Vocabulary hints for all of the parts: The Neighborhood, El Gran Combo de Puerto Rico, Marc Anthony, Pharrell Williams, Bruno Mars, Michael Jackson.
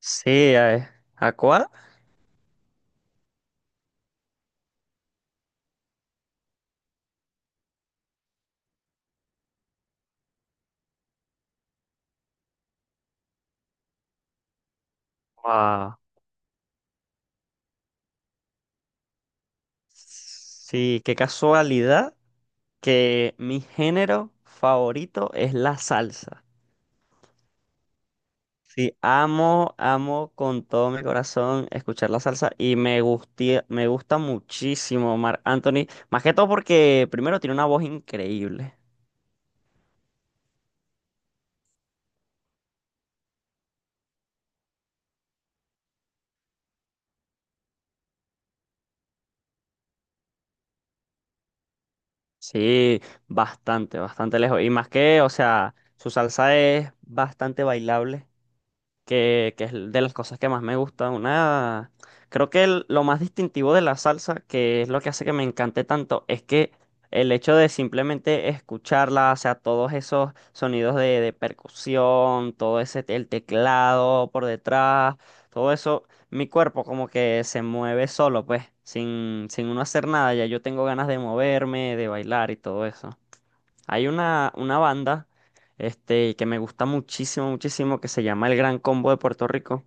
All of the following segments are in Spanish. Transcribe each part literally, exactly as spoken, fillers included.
Sí, eh, ¿a cuál? Ah, sí, qué casualidad que mi género favorito es la salsa. Sí, amo, amo con todo mi corazón escuchar la salsa y me gustía- me gusta muchísimo Marc Anthony, más que todo porque primero tiene una voz increíble. Sí, bastante, bastante lejos. Y más que, o sea, su salsa es bastante bailable. que, que es de las cosas que más me gusta. Una, creo que el- lo más distintivo de la salsa, que es lo que hace que me encante tanto, es que el hecho de simplemente escucharla, o sea, todos esos sonidos de, de, percusión, todo ese, te- el teclado por detrás, todo eso, mi cuerpo como que se mueve solo, pues, sin, sin uno hacer nada, ya yo tengo ganas de moverme, de bailar y todo eso. Hay una, una, banda este, que me gusta muchísimo, muchísimo, que se llama El Gran Combo de Puerto Rico,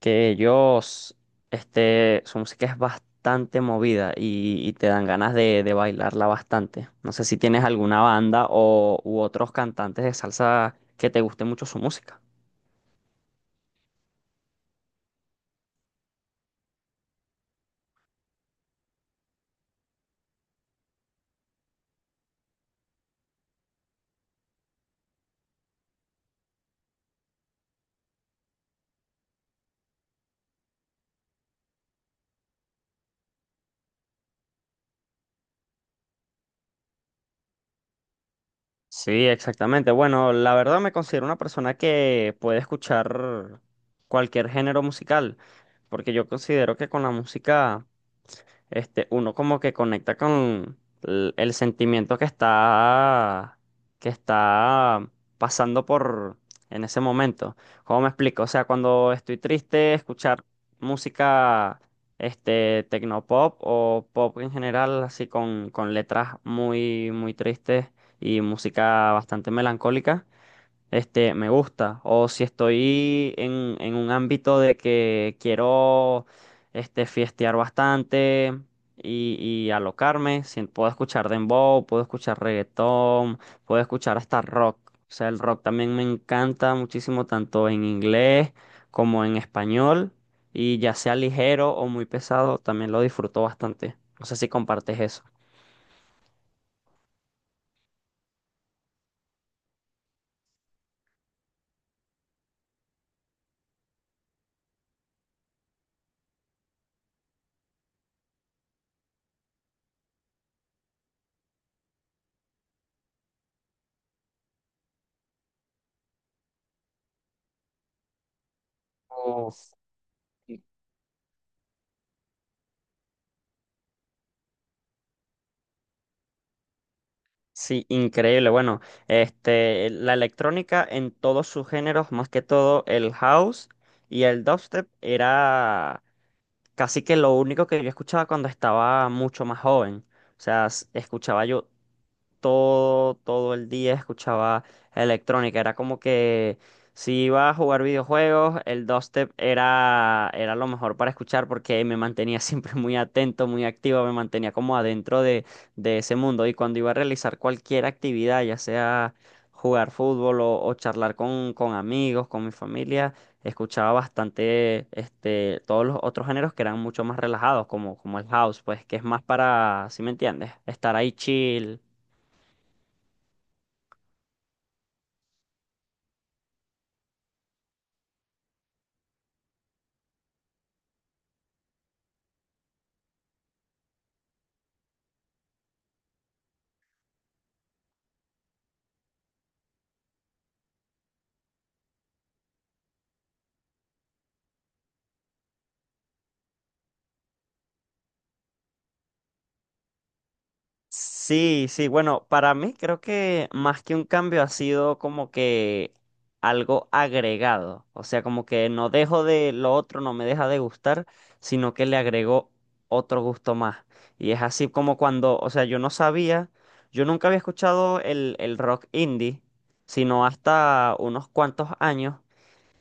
que ellos, este, su música es bastante movida y, y te dan ganas de, de, bailarla bastante. No sé si tienes alguna banda o, u otros cantantes de salsa que te guste mucho su música. Sí, exactamente. Bueno, la verdad me considero una persona que puede escuchar cualquier género musical, porque yo considero que con la música... este, uno como que conecta con el, el, sentimiento que está, que está pasando por en ese momento. ¿Cómo me explico? O sea, cuando estoy triste, escuchar música, este, tecnopop o pop en general, así con, con, letras muy, muy tristes y música bastante melancólica este, me gusta. O si estoy en, en un ámbito de que quiero, este, fiestear bastante y, y alocarme, si- puedo escuchar dembow, puedo escuchar reggaetón, puedo escuchar hasta rock. O sea, el rock también me encanta muchísimo, tanto en inglés como en español. Y ya sea ligero o muy pesado, también lo disfruto bastante. No sé si compartes eso. Uf. Sí, increíble. Bueno, este, la electrónica en todos sus géneros, más que todo el house y el dubstep, era casi que lo único que yo escuchaba cuando estaba mucho más joven. O sea, s- escuchaba yo todo, todo el día escuchaba electrónica. Era como que si iba a jugar videojuegos, el dubstep era, era, lo mejor para escuchar porque me mantenía siempre muy atento, muy activo, me mantenía como adentro de, de, ese mundo. Y cuando iba a realizar cualquier actividad, ya sea jugar fútbol o, o, charlar con, con amigos, con mi familia, escuchaba bastante este, todos los otros géneros que eran mucho más relajados, como, como el house, pues que es más para, ¿si me entiendes? Estar ahí chill. Sí, sí, bueno, para mí creo que más que un cambio ha sido como que algo agregado, o sea, como que no dejo de lo otro, no me deja de gustar, sino que le agregó otro gusto más. Y es así como cuando, o sea, yo no sabía, yo nunca había escuchado el, el, rock indie, sino hasta unos cuantos años.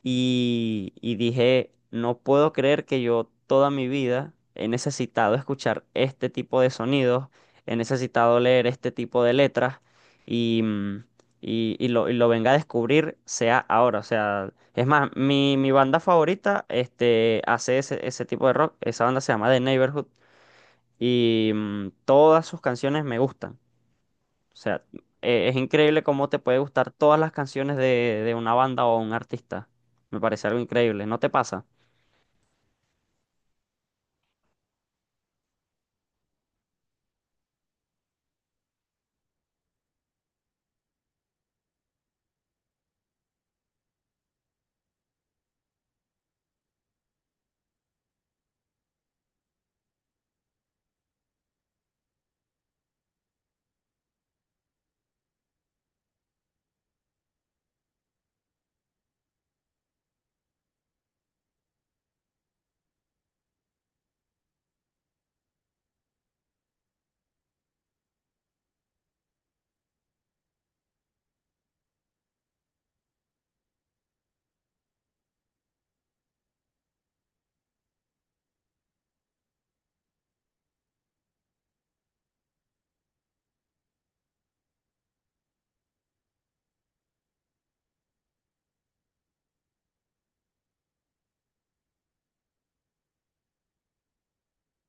Y, y dije, no puedo creer que yo toda mi vida he necesitado escuchar este tipo de sonidos, he necesitado leer este tipo de letras y, mm, y, y lo, y lo venga a descubrir sea ahora. O sea, es más, mi, mi, banda favorita este, hace ese, ese tipo de rock, esa banda se llama The Neighborhood y mm, todas sus canciones me gustan. O sea, eh, es increíble cómo te puede gustar todas las canciones de, de una banda o un artista. Me parece algo increíble, ¿no te pasa?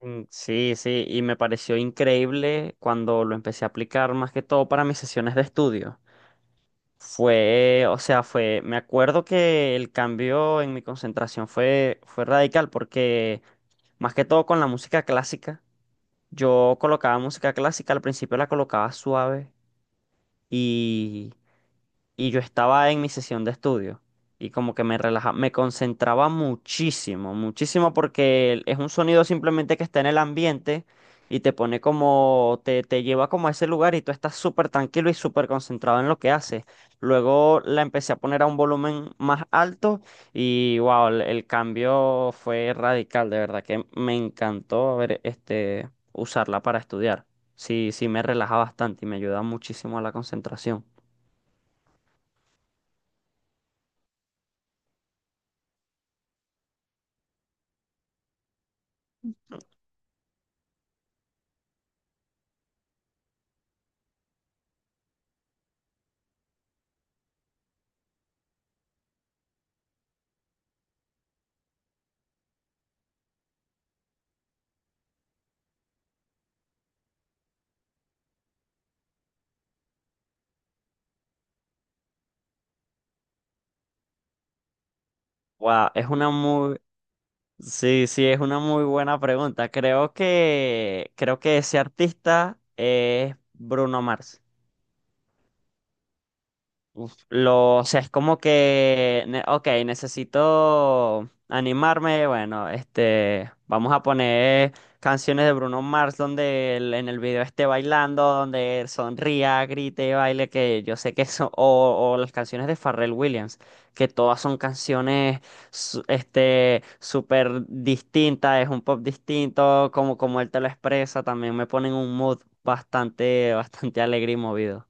Mm, sí, sí, y me pareció increíble cuando lo empecé a aplicar más que todo para mis sesiones de estudio. Fue, o sea, fue, me acuerdo que el cambio en mi concentración fue, fue radical porque más que todo con la música clásica, yo colocaba música clásica, al principio la colocaba suave y yo estaba en mi sesión de estudio y como que me relaja, me concentraba muchísimo, muchísimo porque el- es un sonido simplemente que está en el ambiente y te pone como, te, te, lleva como a ese lugar y tú estás súper tranquilo y súper concentrado en lo que haces. Luego la empecé a poner a un volumen más alto y wow, el, el cambio fue radical, de verdad que me encantó ver este usarla para estudiar. Sí, sí me relaja bastante y me ayuda muchísimo a la concentración. Wow, es una muy, sí, sí, es una muy buena pregunta. Creo que, creo que ese artista es Bruno Mars. Uf, lo, o sea, es como que, ne- ok, necesito animarme, bueno, este, vamos a poner canciones de Bruno Mars donde él en el video esté bailando, donde él sonría, grite, baile, que yo sé que son, o, o, las canciones de Pharrell Williams, que todas son canciones, su- este, súper distintas, es un pop distinto, como, como él te lo expresa, también me ponen un mood bastante, bastante alegre y movido.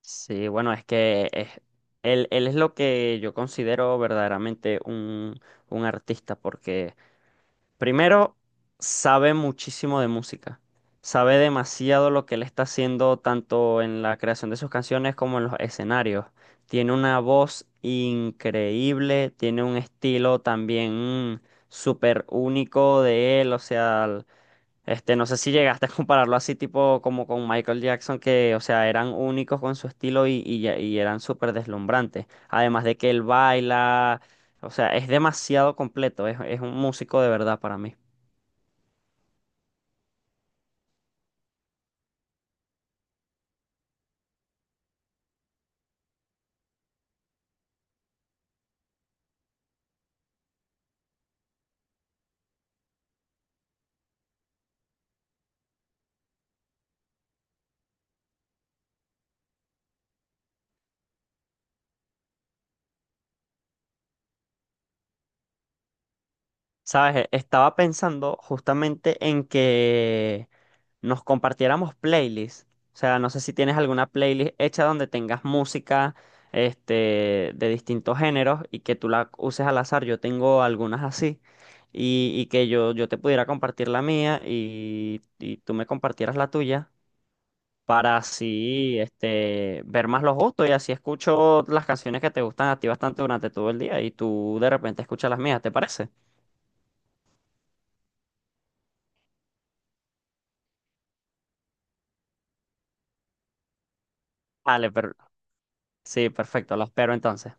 Sí, bueno, es que es, él, él, es lo que yo considero verdaderamente un, un artista, porque primero sabe muchísimo de música, sabe demasiado lo que él está haciendo tanto en la creación de sus canciones como en los escenarios. Tiene una voz increíble, tiene un estilo también mm, súper único de él, o sea... Este, no sé si llegaste a compararlo así, tipo como con Michael Jackson, que, o sea, eran únicos con su estilo y, y, ya- y eran súper deslumbrantes. Además de que él baila, o sea, es demasiado completo, es, es, un músico de verdad para mí. ¿Sabes? E- Estaba pensando justamente en que nos compartiéramos playlists. O sea, no sé si tienes alguna playlist hecha donde tengas música, este, de distintos géneros y que tú la uses al azar. Yo tengo algunas así. Y, y que yo, yo te pudiera compartir la mía y, y tú me compartieras la tuya para así, este, ver más los gustos y así escucho las canciones que te gustan a ti bastante durante todo el día y tú de repente escuchas las mías, ¿te parece? Vale, pero sí, perfecto, lo espero entonces.